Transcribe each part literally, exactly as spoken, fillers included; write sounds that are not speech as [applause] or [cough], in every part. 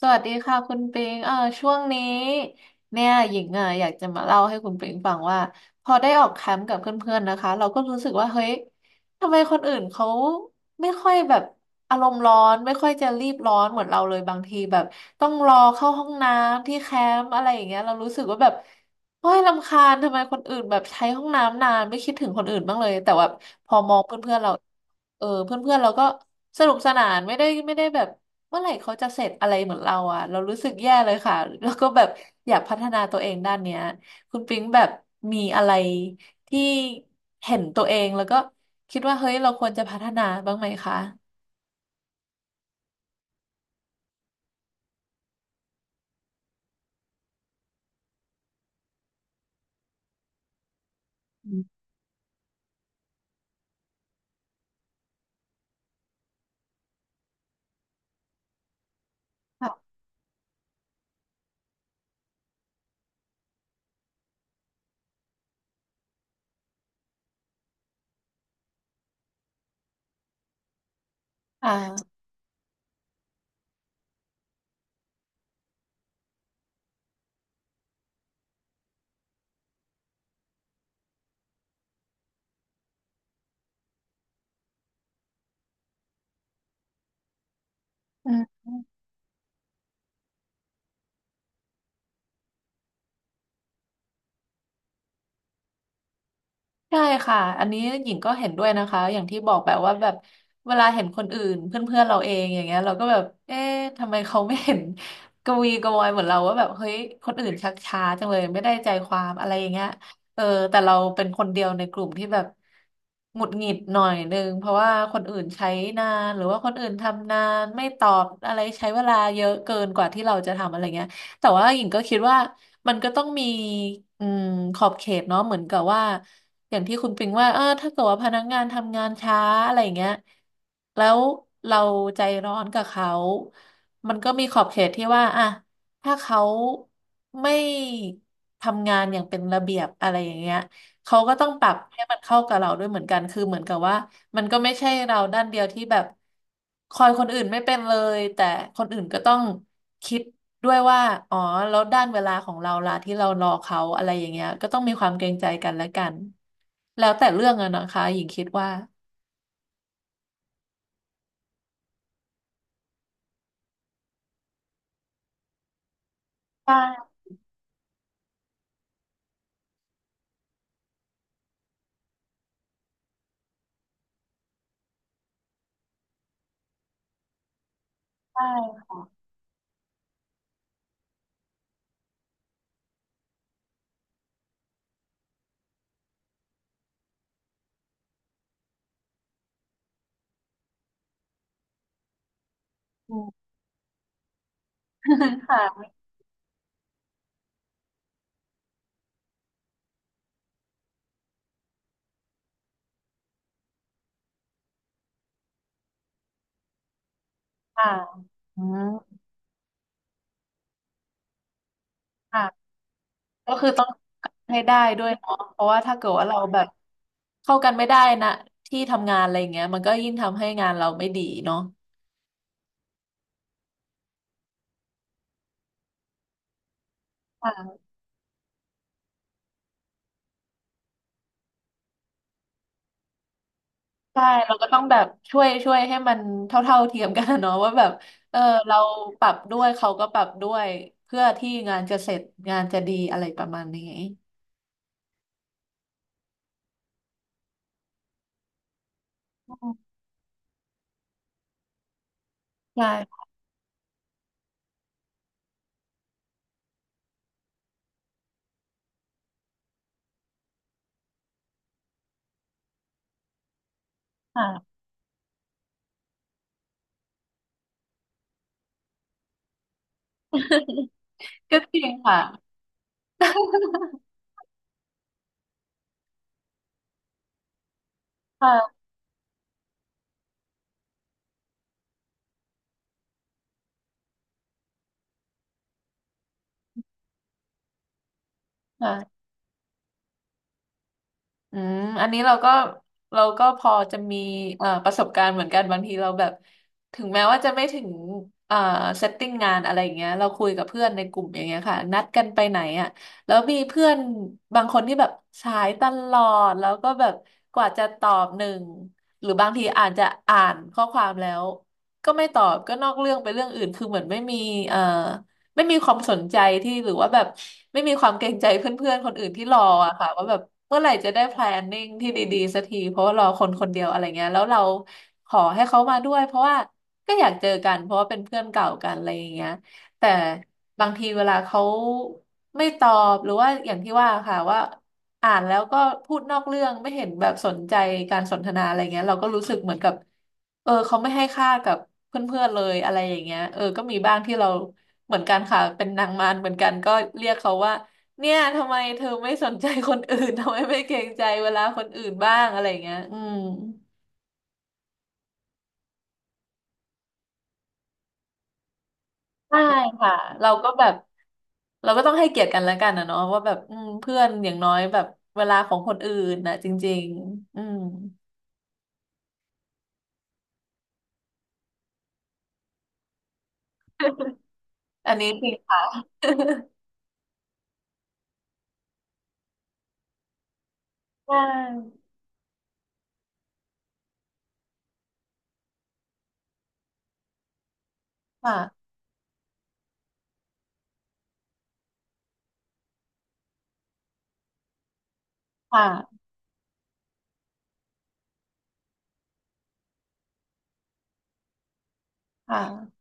สวัสดีค่ะคุณปิงเออช่วงนี้เนี่ยหญิงอ่ะอยากจะมาเล่าให้คุณปิงฟังว่าพอได้ออกแคมป์กับเพื่อนๆนะคะเราก็รู้สึกว่าเฮ้ยทำไมคนอื่นเขาไม่ค่อยแบบอารมณ์ร้อนไม่ค่อยจะรีบร้อนเหมือนเราเลยบางทีแบบต้องรอเข้าห้องน้ำที่แคมป์อะไรอย่างเงี้ยเรารู้สึกว่าแบบโอ้ยรำคาญทำไมคนอื่นแบบใช้ห้องน้ำนานไม่คิดถึงคนอื่นบ้างเลยแต่ว่าพอมองเพื่อนๆเราเออเพื่อนๆเราก็สนุกสนานไม่ได้ไม่ได้แบบ เมื่อไหร่เขาจะเสร็จอะไรเหมือนเราอ่ะเรารู้สึกแย่เลยค่ะแล้วก็แบบอยากพัฒนาตัวเองด้านเนี้ยคุณปิ๊งแบบมีอะไรที่เห็นตัวเองแล้วก็คิดว่าเฮ้ยเราควรจะพัฒนาบ้างไหมคะอืมค่ะอ่าอื ใช่ค่ะอันนี้หญิงก็เห็นด้วยนะคะ อย่างที่บอกแบบว่าแบบเวลาเห็นคนอื่นเพื่อนๆเราเองอย่างเงี้ยเราก็แบบเอ๊ะทำไมเขาไม่เห็น [laughs] กระวีกระวอยเหมือนเราว่าแบบเฮ้ยคนอื่นชักช้าจังเลยไม่ได้ใจความอะไรอย่างเงี้ยเออแต่เราเป็นคนเดียวในกลุ่มที่แบบหงุดหงิดหน่อยนึงเพราะว่าคนอื่นใช้นานหรือว่าคนอื่นทำนานไม่ตอบอะไรใช้เวลาเยอะเกินกว่าที่เราจะทำอะไรเงี้ย แต่ว่าหญิงก็คิดว่ามันก็ต้องมีอืมขอบเขตเนาะเหมือนกับว่าอย่างที่คุณปิงว่าเออถ้าเกิดว่าพนักงานทำงานช้าอะไรอย่างเงี้ยแล้วเราใจร้อนกับเขามันก็มีขอบเขตที่ว่าอ่ะถ้าเขาไม่ทำงานอย่างเป็นระเบียบอะไรอย่างเงี้ย เขาก็ต้องปรับให้มันเข้ากับเราด้วยเหมือนกันคือเหมือนกับว่ามันก็ไม่ใช่เราด้านเดียวที่แบบคอยคนอื่นไม่เป็นเลยแต่คนอื่นก็ต้องคิดด้วยว่าอ๋อแล้วด้านเวลาของเราล่ะที่เรารอเขาอะไรอย่างเงี้ยก็ต้องมีความเกรงใจกันและกันแล้วแต่เรื่องอะนะคะหญิงคิดว่าใช่ใช่อืม [laughs] ค่ะค่ะอืมค่ะ ก็คือต้องให้ได้ด้วยเนาะเพราะว่าถ้าเกิดว่าเราแบบเข้ากันไม่ได้นะที่ทำงานอะไรอย่างเงี้ยมันก็ยิ่งทำให้งานเราไม่ดีเนาะค่ะใช่เราก็ต้องแบบช่วยช่วยให้มันเท่าเท่าเทียมกันอะเนาะ [laughs] ว่าแบบเออเราปรับด้วยเขาก็ปรับด้วยเพื่อที่งานจะเสร็จงานจะดีอะไรประมาณนี้อืมใช่ค่ะก็จริงค่ะค่ะ อืมอันนี้เราก็เราก็พอจะมีเอ่อประสบการณ์เหมือนกันบางทีเราแบบถึงแม้ว่าจะไม่ถึงเอ่อเซตติ้งงานอะไรอย่างเงี้ยเราคุยกับเพื่อนในกลุ่มอย่างเงี้ยค่ะนัดกันไปไหนอ่ะแล้วมีเพื่อนบางคนที่แบบสายตลอดแล้วก็แบบกว่าจะตอบหนึ่งหรือบางทีอาจจะอ่านข้อความแล้วก็ไม่ตอบก็นอกเรื่องไปเรื่องอื่นคือเหมือนไม่มีเอ่อ ไม่มีความสนใจที่หรือว่าแบบไม่มีความเกรงใจเพื่อนๆคนอื่นที่รออะค่ะว่าแบบเมื่อไหร่จะได้ planning ที่ดีๆสักทีเพราะว่ารอคนคนเดียวอะไรเงี้ยแล้วเราขอให้เขามาด้วยเพราะว่าก็อยากเจอกันเพราะว่าเป็นเพื่อนเก่ากันอะไรอย่างเงี้ยแต่บางทีเวลาเขาไม่ตอบหรือว่าอย่างที่ว่าค่ะว่าอ่านแล้วก็พูดนอกเรื่องไม่เห็นแบบสนใจการสนทนาอะไรเงี้ยเราก็รู้สึกเหมือนกับ เออเขาไม่ให้ค่ากับเพื่อนๆเลยอะไรอย่างเงี้ยเออก็มีบ้างที่เราเหมือนกันค่ะเป็นนางมารเหมือนกันก็เรียกเขาว่าเนี่ยทำไมเธอไม่สนใจคนอื่น [laughs] ทำไมไม่เกรงใจเวลาคนอื่นบ้างอะไรอย่างเงี้ยอืมใช่ค่ะเราก็แบบเราก็ต้องให้เกียรติกันแล้วกันนะเนาะว่าแบบอืมเพื่อนอย่างน้อยแบบเวลาของคนอื่นนะจริงๆอืมอันนี้จริงค่ะ [laughs] ใช่ค่ะค่ะค่ะ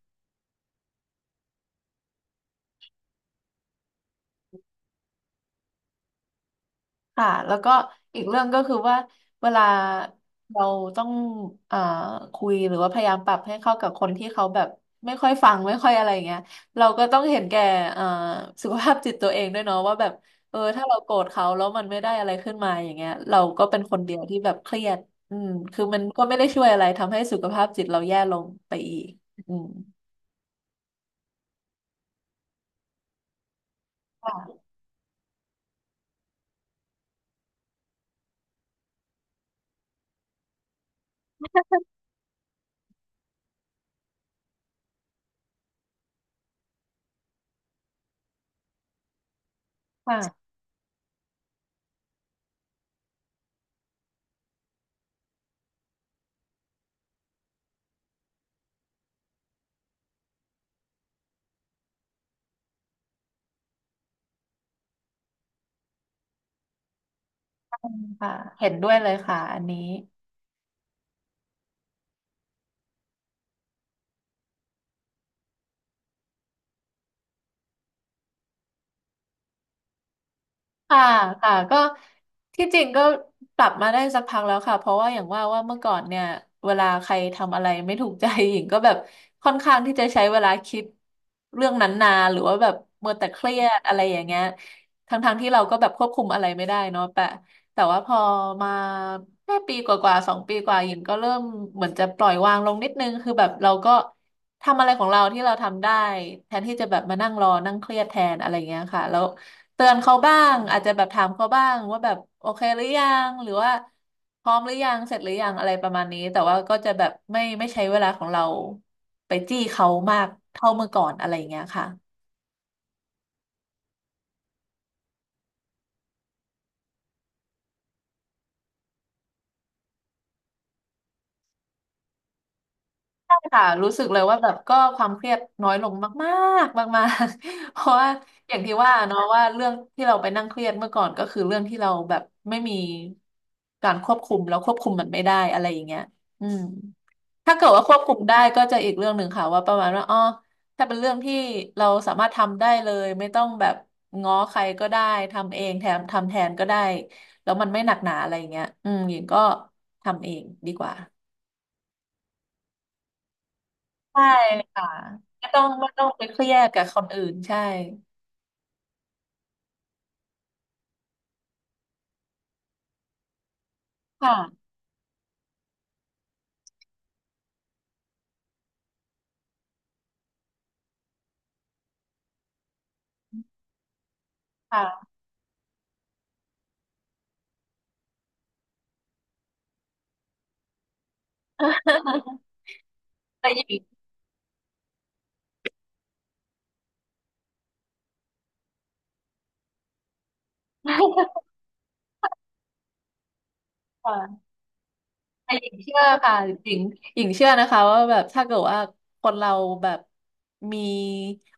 ค่ะแล้วก็อีกเรื่องก็คือว่าเวลาเราต้องอ่าคุยหรือว่าพยายามปรับให้เข้ากับคนที่เขาแบบไม่ค่อยฟังไม่ค่อยอะไรอย่างเงี้ยเราก็ต้องเห็นแก่อ่าสุขภาพจิตตัวเองด้วยเนาะว่าแบบเออถ้าเราโกรธเขาแล้วมันไม่ได้อะไรขึ้นมาอย่างเงี้ยเราก็เป็นคนเดียวที่แบบเครียดอืมคือมันก็ไม่ได้ช่วยอะไรทำให้สุขภาพจิตเราแย่ลงไปอีกอืมค่ะค่ะค่ะเห็นด้วยเลยค่ะอันนี้ ค่ะค่ะก็ที่จริงก็ปรับมาได้สักพักแล้วค่ะเพราะว่าอย่างว่าว่าเมื่อก่อนเนี่ยเวลาใครทำอะไรไม่ถูกใจ [laughs] หญิงก็แบบ [laughs] ค่อนข้างที่จะใช้เวลาคิดเรื่องนั้นนานหรือว่าแบบมัวแต่เครียดอะไรอย่างเงี้ยทั้งๆที่เราก็แบบควบคุมอะไรไม่ได้เนาะแต่แต่ว่าพอมาแค่ปีกว่าๆสองปีกว่าหญิงก็เริ่มเหมือนจะปล่อยวางลงนิดนึงคือแบบเราก็ทำอะไรของเราที่เราทำได้แทนที่จะแบบมานั่งรอนั่งเครียดแทนอะไรอย่างเงี้ยค่ะแล้ว เตือนเขาบ้างอาจจะแบบถามเขาบ้างว่าแบบโอเคหรือยังหรือว่าพร้อมหรือยังเสร็จหรือยังอะไรประมาณนี้แต่ว่าก็จะแบบไม่ไม่ใช้เวลาของเราไปจี้เขามากเท่าเมื่อก่อนอะไรอย่างเงี้ยค่ะ ใช่ค่ะรู้สึกเลยว่าแบบก็ความเครียดน้อยลงมากๆ [laughs] มากๆ [laughs] เพราะว่าอย่างที่ว่าเนาะว่าเรื่องที่เราไปนั่งเครียดเมื่อก่อนก็คือเรื่องที่เราแบบไม่มีการควบคุมแล้วควบคุมมันไม่ได้อะไรอย่างเงี้ยอืมถ้าเกิดว่าควบคุมได้ก็จะอีกเรื่องหนึ่งค่ะว่าประมาณว่าอ๋อถ้าเป็นเรื่องที่เราสามารถทำได้เลยไม่ต้องแบบง้อใครก็ได้ทำเองแถมทำแทนก็ได้แล้วมันไม่หนักหนาอะไรอย่างเงี้ยอืมหญิงก็ทำเองดีกว่า ใช่ค่ะไม่ต้องไม่ต้องไปเครียดกับคนอื่นใช่ค่ะค่ะ [laughs] แต่หญิง [laughs] ค่ะ แต่หญิงเชื่อค่ะหญิงหญิงเชื่อนะคะว่าแบบถ้าเกิดว่าคนเราแบบมี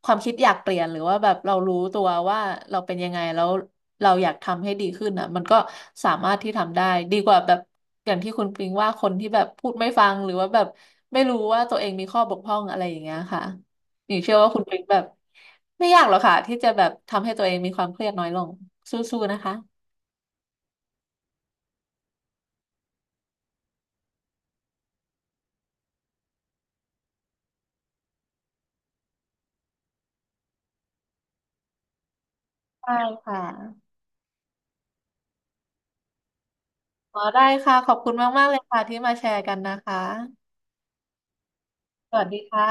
ความคิดอยากเปลี่ยนหรือว่าแบบเรารู้ตัวว่าเราเป็นยังไงแล้วเราอยากทำให้ดีขึ้นอ่ะมันก็สามารถที่ทำได้ดีกว่าแบบอย่างที่คุณปิงว่าคนที่แบบพูดไม่ฟังหรือว่าแบบไม่รู้ว่าตัวเองมีข้อบกพร่องอะไรอย่างเงี้ยค่ะหญิงเชื่อว่าคุณปิงแบบไม่ยากหรอกค่ะที่จะแบบทำให้ตัวเองมีความเครียดน้อยลงสู้ๆนะคะใช่ค่ะ อ๋อได้ค่ะขอบคุณมากๆเลยค่ะที่มาแชร์กันนะคะสวัสดีค่ะ